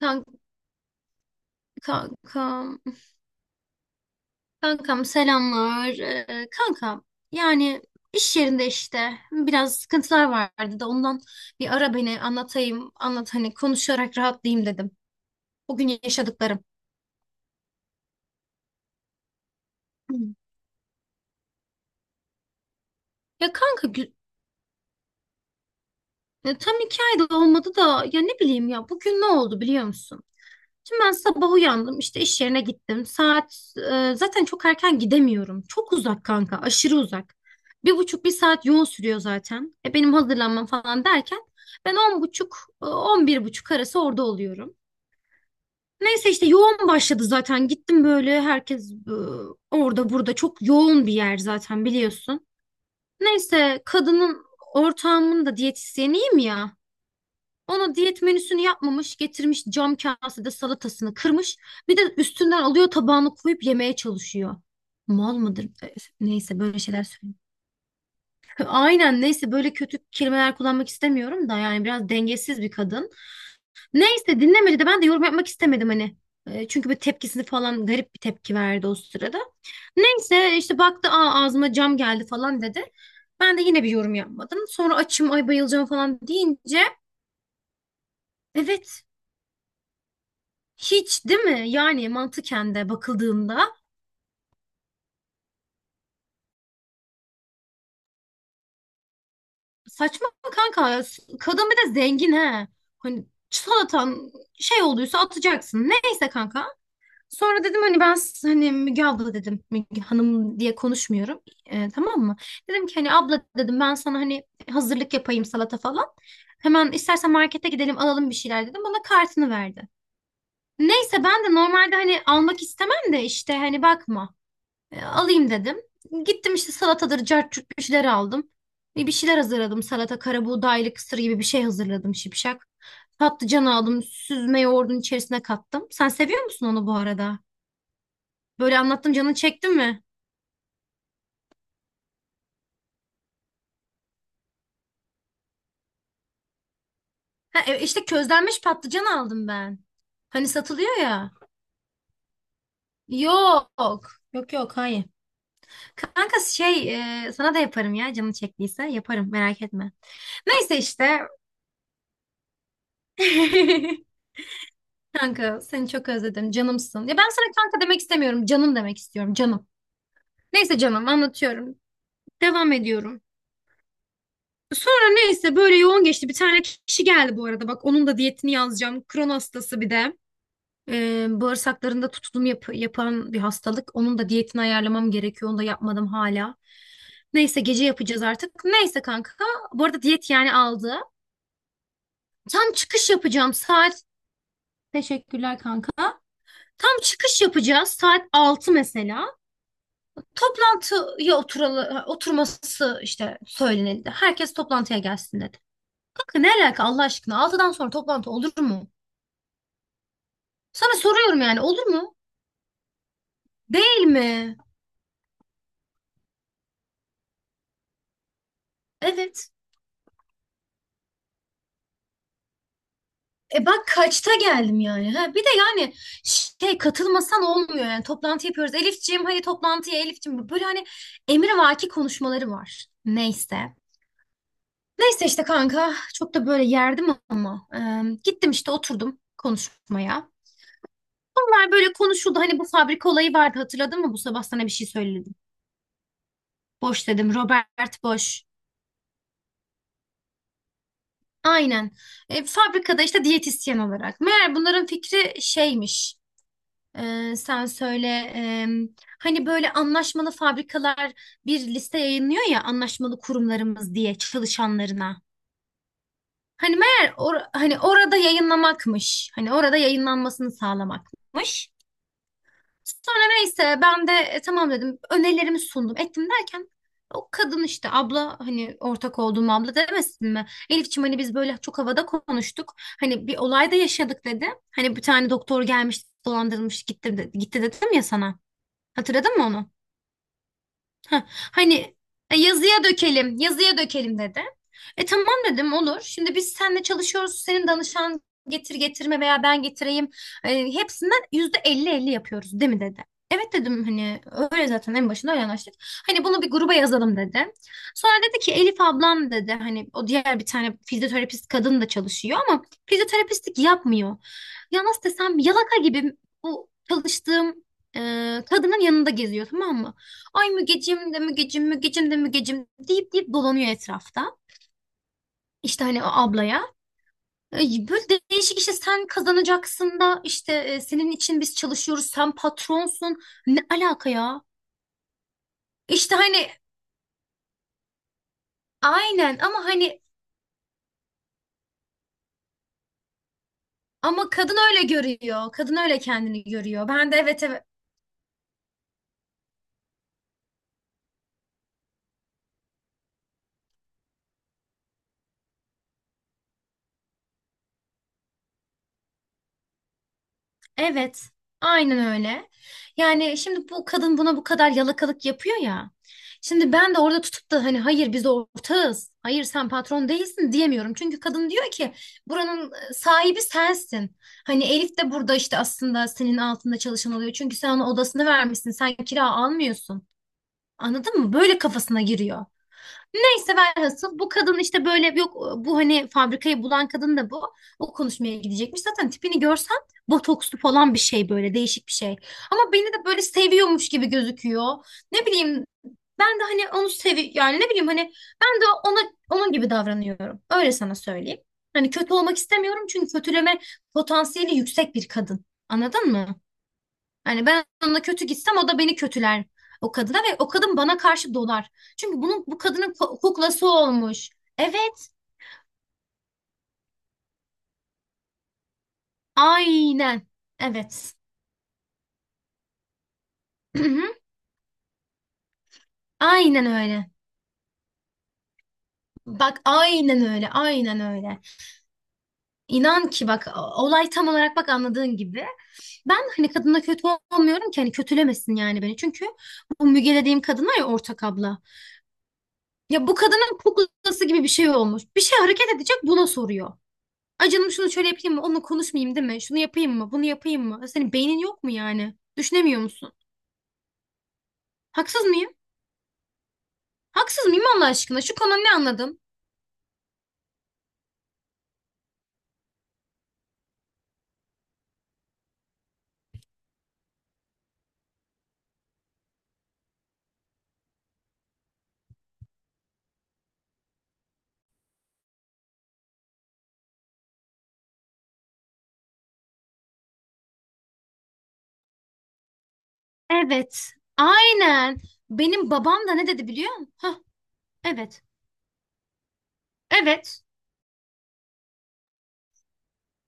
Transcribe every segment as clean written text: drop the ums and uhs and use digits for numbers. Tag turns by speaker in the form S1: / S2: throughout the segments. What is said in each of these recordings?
S1: Kan- Kankam, kankam, selamlar. Kankam, yani iş yerinde işte biraz sıkıntılar vardı da ondan bir ara beni anlatayım, anlat hani konuşarak rahatlayayım dedim. Bugün yaşadıklarım. Hı. Ya kanka tam iki ayda olmadı da ya ne bileyim ya bugün ne oldu biliyor musun? Şimdi ben sabah uyandım işte iş yerine gittim. Saat zaten çok erken gidemiyorum. Çok uzak kanka, aşırı uzak. Bir buçuk bir saat yol sürüyor zaten. Benim hazırlanmam falan derken ben 10:30 11:30 arası orada oluyorum. Neyse işte yoğun başladı zaten. Gittim böyle, herkes orada burada, çok yoğun bir yer zaten biliyorsun. Neyse ortağımın da diyetisyeniyim ya. Ona diyet menüsünü yapmamış, getirmiş cam kasede salatasını kırmış. Bir de üstünden alıyor tabağını koyup yemeye çalışıyor. Mal mıdır? Neyse böyle şeyler söyleyeyim. Aynen neyse böyle kötü kelimeler kullanmak istemiyorum da, yani biraz dengesiz bir kadın. Neyse dinlemedi de ben de yorum yapmak istemedim hani. Çünkü bir tepkisini falan, garip bir tepki verdi o sırada. Neyse işte baktı, Aa, ağzıma cam geldi falan dedi. Ben de yine bir yorum yapmadım. Sonra açım, ay bayılacağım falan deyince, evet, hiç değil mi? Yani mantıken de bakıldığında saçma kanka, ya. Kadın bir de zengin he. Hani salatan şey olduysa atacaksın. Neyse kanka. Sonra dedim hani ben hani Müge abla dedim. Müge hanım diye konuşmuyorum. Tamam mı? Dedim ki hani abla dedim, ben sana hani hazırlık yapayım salata falan. Hemen istersen markete gidelim alalım bir şeyler dedim. Bana kartını verdi. Neyse ben de normalde hani almak istemem de, işte hani bakma. Alayım dedim. Gittim işte salatadır, cart curt bir şeyler aldım. Bir şeyler hazırladım. Salata, karabuğdaylı kısır gibi bir şey hazırladım şipşak. Patlıcan aldım. Süzme yoğurdun içerisine kattım. Sen seviyor musun onu bu arada? Böyle anlattım, canın çekti mi? Ha, işte közlenmiş patlıcan aldım ben. Hani satılıyor ya. Yok. Yok yok, hayır. Kanka şey, sana da yaparım ya, canın çektiyse yaparım, merak etme. Neyse işte. Kanka seni çok özledim. Canımsın. Ya ben sana kanka demek istemiyorum, canım demek istiyorum. Canım. Neyse canım anlatıyorum. Devam ediyorum. Sonra neyse böyle yoğun geçti. Bir tane kişi geldi bu arada. Bak, onun da diyetini yazacağım. Kron hastası bir de. Bağırsaklarında tutulum yapan bir hastalık. Onun da diyetini ayarlamam gerekiyor. Onu da yapmadım hala. Neyse gece yapacağız artık. Neyse kanka. Bu arada diyet yani aldı. Tam çıkış yapacağım saat. Teşekkürler kanka. Tam çıkış yapacağız saat 6 mesela. Toplantıya oturalı, oturması işte söylenildi. Herkes toplantıya gelsin dedi. Kanka ne alaka Allah aşkına? Altıdan sonra toplantı olur mu? Sana soruyorum yani, olur mu? Değil mi? Evet. Bak kaçta geldim yani. Ha, bir de yani şey, katılmasan olmuyor yani. Toplantı yapıyoruz. Elifciğim hadi toplantıya, Elifciğim. Böyle hani emrivaki konuşmaları var. Neyse. Neyse işte kanka, çok da böyle yerdim ama. Gittim işte, oturdum konuşmaya. Bunlar böyle konuşuldu. Hani bu fabrika olayı vardı, hatırladın mı? Bu sabah sana bir şey söyledim. Boş dedim. Robert Boş. Aynen. Fabrikada işte diyetisyen olarak. Meğer bunların fikri şeymiş. Sen söyle. e, Hani böyle anlaşmalı fabrikalar bir liste yayınlıyor ya, anlaşmalı kurumlarımız diye çalışanlarına. Hani meğer hani orada yayınlamakmış. Hani orada yayınlanmasını sağlamakmış. Sonra neyse ben de tamam dedim, önerilerimi sundum ettim derken o kadın işte abla, hani ortak olduğum abla, demesin mi? Elifçim hani biz böyle çok havada konuştuk, hani bir olay da yaşadık dedi. Hani bir tane doktor gelmiş, dolandırılmış gitti, gitti dedim ya sana, hatırladın mı onu? Heh, hani, yazıya dökelim, yazıya dökelim dedi. Tamam dedim, olur. Şimdi biz seninle çalışıyoruz. Senin danışan getir, getirme veya ben getireyim. Hepsinden %50 %50 yapıyoruz değil mi dedi. Evet dedim, hani öyle zaten en başında öyle anlaştık. Hani bunu bir gruba yazalım dedi. Sonra dedi ki, Elif ablam dedi, hani o diğer bir tane fizyoterapist kadın da çalışıyor ama fizyoterapistlik yapmıyor. Ya nasıl desem, yalaka gibi bu çalıştığım e, kadının yanında geziyor, tamam mı? Ay Mügecim de Mügecim, Mügecim de Mügecim deyip deyip dolanıyor etrafta. İşte hani o ablaya. Ay, böyle değişik işte, sen kazanacaksın da işte senin için biz çalışıyoruz, sen patronsun. Ne alaka ya? İşte hani aynen, ama hani, ama kadın öyle görüyor. Kadın öyle kendini görüyor. Ben de evet evet, evet, aynen öyle. Yani şimdi bu kadın buna bu kadar yalakalık yapıyor ya. Şimdi ben de orada tutup da hani hayır biz ortağız, hayır sen patron değilsin diyemiyorum. Çünkü kadın diyor ki buranın sahibi sensin. Hani Elif de burada işte aslında senin altında çalışan oluyor. Çünkü sen ona odasını vermişsin, sen kira almıyorsun. Anladın mı? Böyle kafasına giriyor. Neyse velhasıl bu kadın işte böyle, yok, bu hani fabrikayı bulan kadın da bu. O konuşmaya gidecekmiş. Zaten tipini görsen, botokslu falan bir şey, böyle değişik bir şey. Ama beni de böyle seviyormuş gibi gözüküyor. Ne bileyim, ben de hani onu sevi yani, ne bileyim hani, ben de ona onun gibi davranıyorum. Öyle sana söyleyeyim. Hani kötü olmak istemiyorum çünkü kötüleme potansiyeli yüksek bir kadın. Anladın mı? Hani ben onunla kötü gitsem, o da beni kötüler o kadına ve o kadın bana karşı dolar. Çünkü bunun bu kadının kuklası olmuş. Evet, aynen. Evet. Hı hı. Aynen öyle. Bak aynen öyle, aynen öyle. İnan ki bak olay tam olarak bak anladığın gibi. Ben hani kadına kötü olmuyorum ki hani kötülemesin yani beni. Çünkü bu Müge dediğim kadın var ya, ortak abla. Ya bu kadının kuklası gibi bir şey olmuş. Bir şey hareket edecek buna soruyor. Ay canım şunu şöyle yapayım mı? Onunla konuşmayayım değil mi? Şunu yapayım mı? Bunu yapayım mı? Senin beynin yok mu yani? Düşünemiyor musun? Haksız mıyım? Haksız mıyım Allah aşkına? Şu konu ne anladım? Evet. Aynen. Benim babam da ne dedi biliyor musun? Hah, evet. Evet.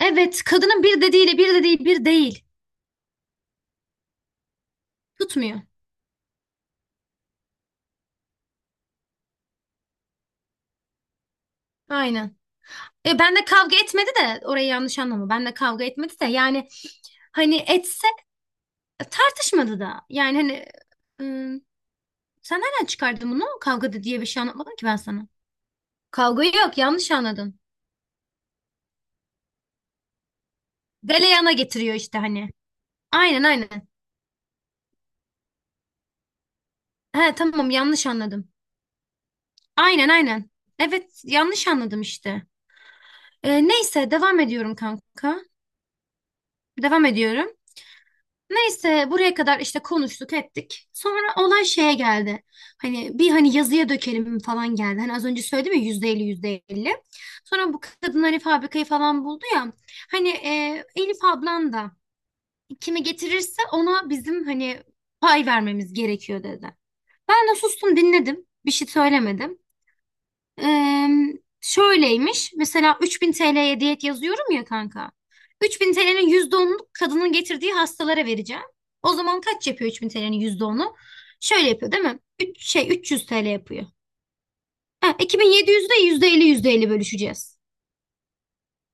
S1: Evet. Kadının bir dediğiyle bir de değil, bir değil. Tutmuyor. Aynen. Ben de kavga etmedi de, orayı yanlış anlama. Ben de kavga etmedi de yani, hani etse, tartışmadı da. Yani hani ıı, sen nereden çıkardın bunu? Kavgada diye bir şey anlatmadım ki ben sana. Kavga yok, yanlış anladın. Galeyana getiriyor işte hani. Aynen aynen. He tamam, yanlış anladım. Aynen aynen. Evet, yanlış anladım işte. Neyse devam ediyorum kanka. Devam ediyorum. Neyse buraya kadar işte konuştuk ettik. Sonra olay şeye geldi. Hani bir, hani yazıya dökelim falan geldi. Hani az önce söyledim ya, %50 %50. Sonra bu kadın hani fabrikayı falan buldu ya. Hani Elif ablan da kimi getirirse ona bizim hani pay vermemiz gerekiyor dedi. Ben de sustum, dinledim. Bir şey söylemedim. Ee, Şöyleymiş. Mesela 3.000 TL'ye diyet yazıyorum ya kanka. 3.000 TL'nin %10'unu kadının getirdiği hastalara vereceğim. O zaman kaç yapıyor 3.000 TL'nin onu? Şöyle yapıyor değil mi? 3, şey, 300 TL yapıyor. Ha, iki bin yedi yüzde %50 %50 bölüşeceğiz.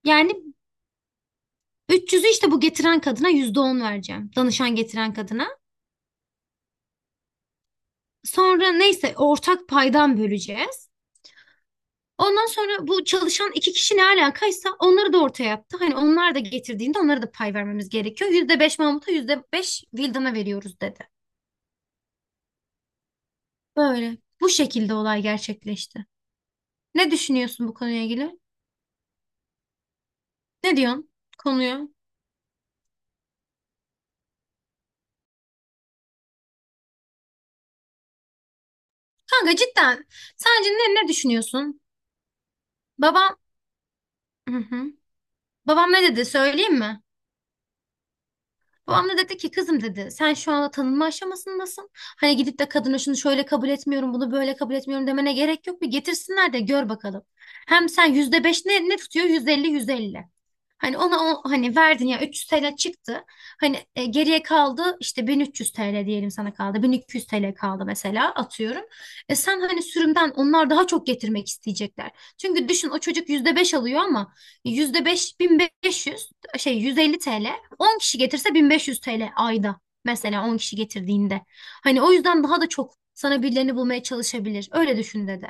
S1: Yani 300'ü işte bu getiren kadına %10 vereceğim. Danışan getiren kadına. Sonra neyse ortak paydan böleceğiz. Ondan sonra bu çalışan iki kişi, ne alakaysa, onları da ortaya yaptı. Hani onlar da getirdiğinde onlara da pay vermemiz gerekiyor. Yüzde beş Mahmut'a, %5 Vildan'a veriyoruz dedi. Böyle. Bu şekilde olay gerçekleşti. Ne düşünüyorsun bu konuya ilgili? Ne diyorsun konuya? Kanka cidden. Sence ne düşünüyorsun? Babam... Hı hı. Babam ne dedi söyleyeyim mi? Babam da dedi ki, kızım dedi, sen şu anda tanınma aşamasındasın. Hani gidip de kadına şunu şöyle kabul etmiyorum, bunu böyle kabul etmiyorum demene gerek yok. Bir getirsinler de gör bakalım. Hem sen yüzde beş ne tutuyor? %50 %50. Hani ona o, hani verdin ya, 300 TL çıktı. Hani geriye kaldı işte 1.300 TL diyelim, sana kaldı. 1.200 TL kaldı mesela, atıyorum. Sen hani sürümden onlar daha çok getirmek isteyecekler. Çünkü düşün o çocuk %5 alıyor ama yüzde beş, 1.500, şey, 150 TL. 10 kişi getirse 1.500 TL ayda, mesela 10 kişi getirdiğinde. Hani o yüzden daha da çok sana birilerini bulmaya çalışabilir. Öyle düşün dedi.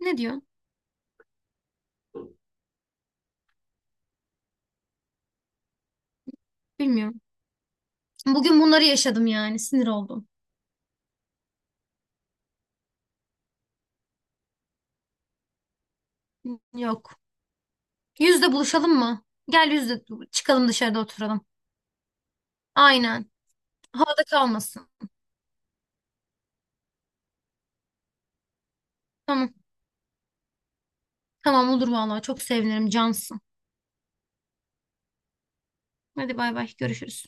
S1: Ne diyorsun? Bilmiyorum. Bugün bunları yaşadım yani, sinir oldum. Yok. Yüzde buluşalım mı? Gel yüzde çıkalım, dışarıda oturalım. Aynen. Havada kalmasın. Tamam. Tamam olur vallahi, çok sevinirim, cansın. Hadi bay bay, görüşürüz.